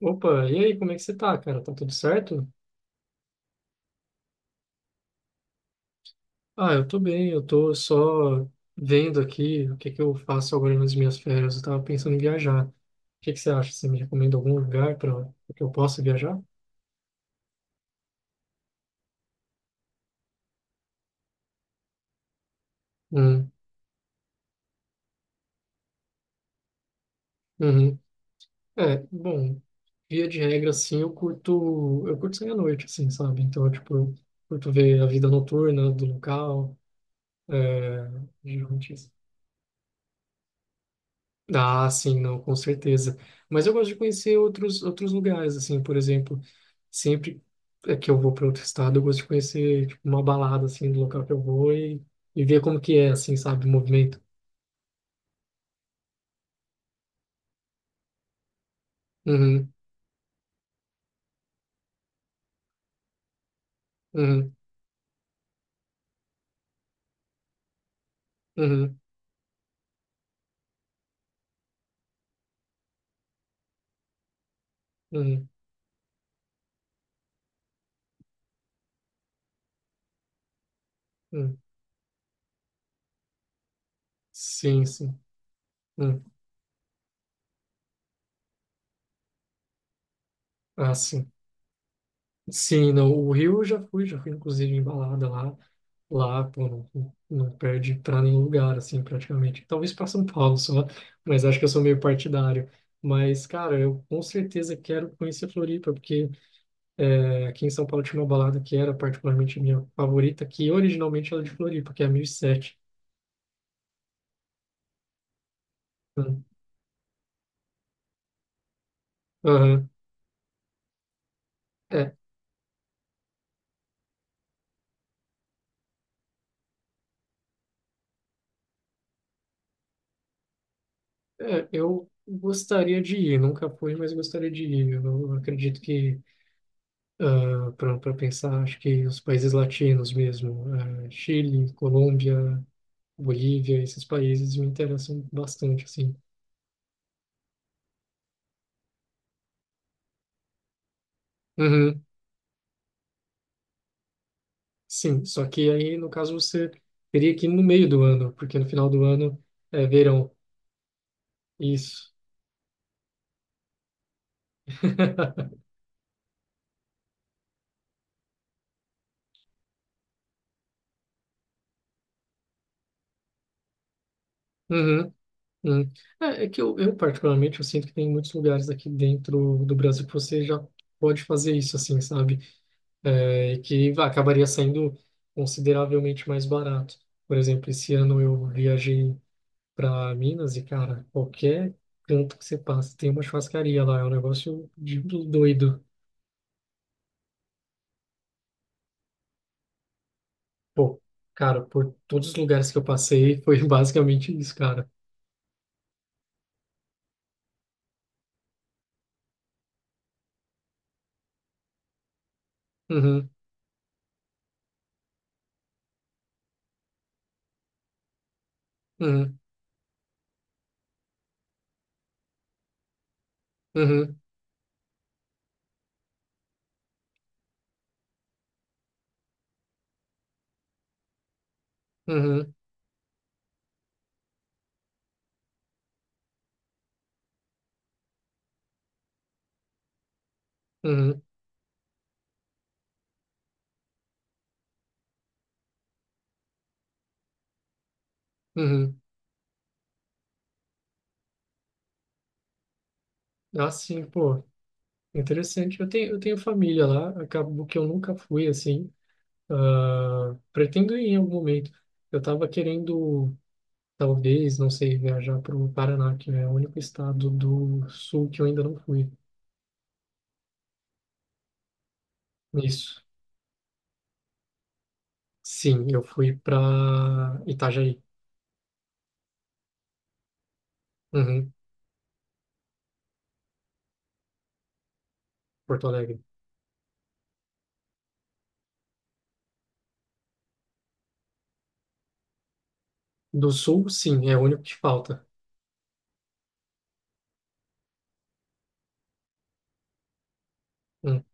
Opa, e aí, como é que você tá, cara? Tá tudo certo? Ah, eu tô bem, eu tô só vendo aqui o que que eu faço agora nas minhas férias. Eu tava pensando em viajar. O que que você acha? Você me recomenda algum lugar para que eu possa viajar? Hum. Uhum. É, bom, via de regra, assim, eu curto sair à noite, assim, sabe? Então, tipo, eu curto ver a vida noturna do local, é, geralmente. Ah, sim, não, com certeza. Mas eu gosto de conhecer outros lugares, assim, por exemplo, sempre é que eu vou para outro estado, eu gosto de conhecer, tipo, uma balada, assim, do local que eu vou, e ver como que é, assim, sabe, o movimento. Uhum. Uhum. Uhum. Uhum. Uhum. Sim, sim. Uhum. Ah, sim. Sim, não, o Rio eu já fui inclusive em balada lá. Lá, pô, não, não perde pra nenhum lugar, assim, praticamente. Talvez pra São Paulo só, mas acho que eu sou meio partidário. Mas, cara, eu com certeza quero conhecer Floripa, porque é, aqui em São Paulo tinha uma balada que era particularmente minha favorita, que originalmente era de Floripa, que é a 1007. Hum. Aham. É, é, eu gostaria de ir, nunca fui, mas gostaria de ir. Eu acredito que para pensar, acho que os países latinos mesmo, Chile, Colômbia, Bolívia, esses países me interessam bastante, assim. Uhum, sim, só que aí, no caso, você teria que ir no meio do ano, porque no final do ano é verão. Isso. Uhum, uhum. É que eu, particularmente, eu sinto que tem muitos lugares aqui dentro do Brasil que você já pode fazer isso, assim, sabe? É, e que acabaria saindo consideravelmente mais barato. Por exemplo, esse ano eu viajei para Minas e, cara, qualquer canto que você passa tem uma churrascaria lá, é um negócio de doido. Pô, cara, por todos os lugares que eu passei foi basicamente isso, cara. Uhum. Uhum. Uhum. Uhum. Uhum. Uhum. Ah, sim, pô, interessante. Eu tenho família lá, acabo que eu nunca fui assim. Ah, pretendo ir em algum momento. Eu tava querendo. Talvez, não sei, viajar para o Paraná, que é o único estado do sul que eu ainda não fui. Isso. Sim, eu fui para Itajaí. Uhum. Porto Alegre. Do sul, sim, é o único que falta. Hum.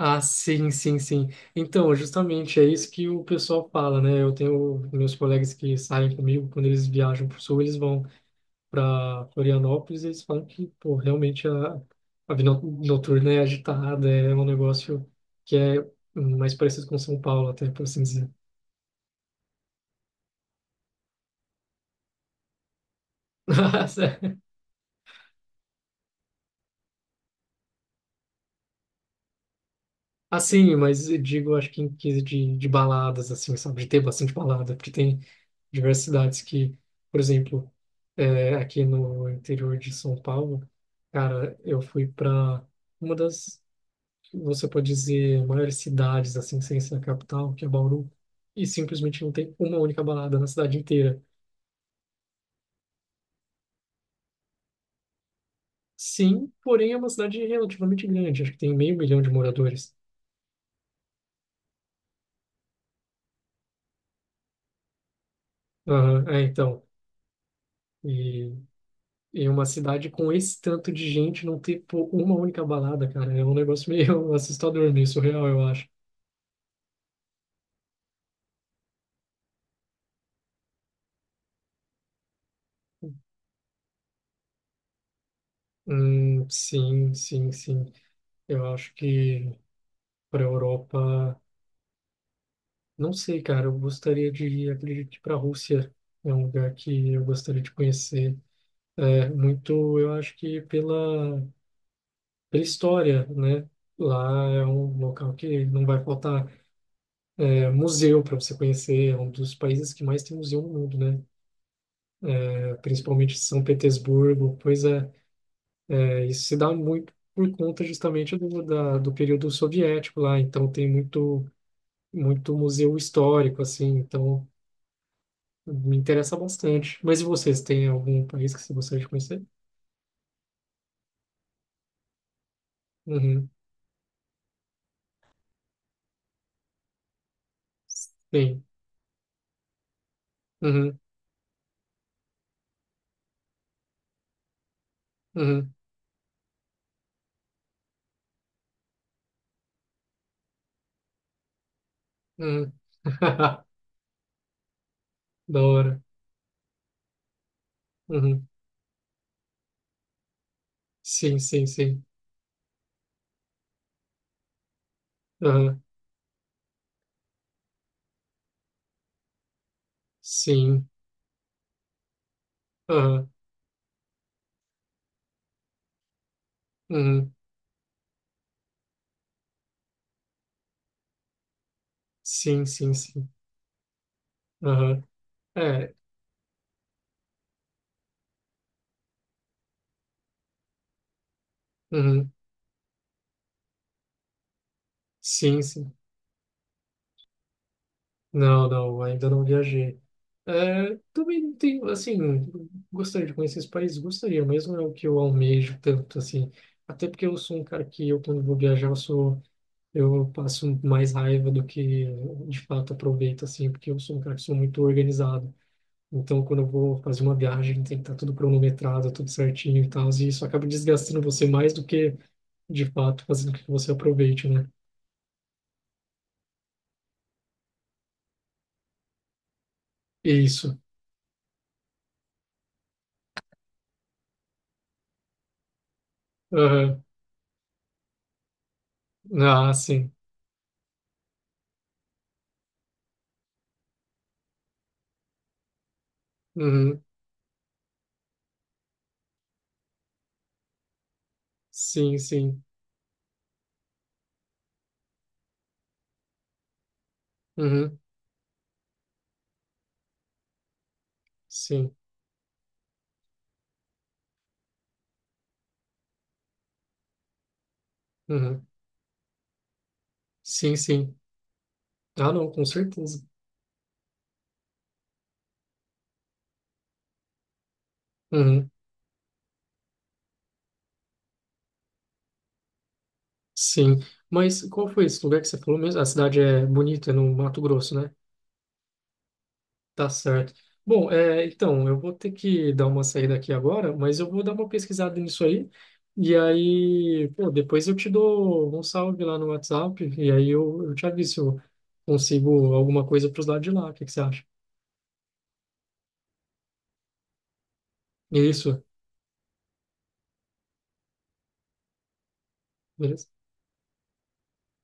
Ah, sim, sim, sim. Então, justamente é isso que o pessoal fala, né? Eu tenho meus colegas que saem comigo, quando eles viajam para o sul, eles vão para Florianópolis, eles falam que, pô, realmente a vida noturna é agitada, é um negócio que é mais parecido com São Paulo, até, por assim dizer. Assim, mas eu digo, acho que em quesito de baladas, assim, sabe, de ter bastante balada, porque tem diversas cidades que, por exemplo, é, aqui no interior de São Paulo, cara, eu fui para uma das, você pode dizer, maiores cidades, assim, sem ser a capital, que é Bauru, e simplesmente não tem uma única balada na cidade inteira. Sim, porém é uma cidade relativamente grande, acho que tem meio milhão de moradores. Aham, é, então. E, e uma cidade com esse tanto de gente não ter, pô, uma única balada, cara, é um negócio meio assustador, meio surreal, eu acho. Sim, sim, sim. Eu acho que para a Europa. Não sei, cara. Eu gostaria de ir, acredito que para a Rússia é um lugar que eu gostaria de conhecer. É muito, eu acho que pela história, né? Lá é um local que não vai faltar museu para você conhecer. É um dos países que mais tem museu no mundo, né? É, principalmente São Petersburgo. Pois é, isso se dá muito por conta justamente do período soviético lá. Então tem muito muito museu histórico, assim. Então me interessa bastante. Mas e vocês, tem algum país que você gostaria de conhecer? Uhum. Sim. Uhum. Uhum. Uhum. Da hora. Uhum. Sim, sim, sim. Aham. Sim. Aham. Uhum. Sim, sim, sim. Aham. É. Uhum. Sim, sim. Não, não, ainda não viajei. É, também não tenho, assim, gostaria de conhecer esse país, gostaria mesmo, é o que eu almejo tanto, assim. Até porque eu sou um cara que eu, quando vou viajar, eu passo mais raiva do que de fato aproveito, assim, porque eu sou um cara que sou muito organizado. Então, quando eu vou fazer uma viagem, tem que estar tudo cronometrado, tudo certinho e tal, e isso acaba desgastando você mais do que de fato fazendo com que você aproveite, né? Isso. Aham. Ah, sim. Uhum. Sim, sim. Uhum. Sim. Uhum. Sim, sim. Ah, não, com certeza. Uhum. Sim. Mas qual foi esse lugar que você falou mesmo? A cidade é bonita, é no Mato Grosso, né? Tá certo. Bom, então, eu vou ter que dar uma saída aqui agora, mas eu vou dar uma pesquisada nisso aí. E aí, pô, depois eu te dou um salve lá no WhatsApp. E aí eu te aviso se eu consigo alguma coisa para os lados de lá. O que que você acha? Isso, beleza?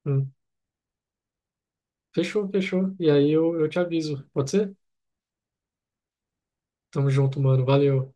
Hum. Fechou, fechou. E aí eu te aviso. Pode ser? Tamo junto, mano. Valeu.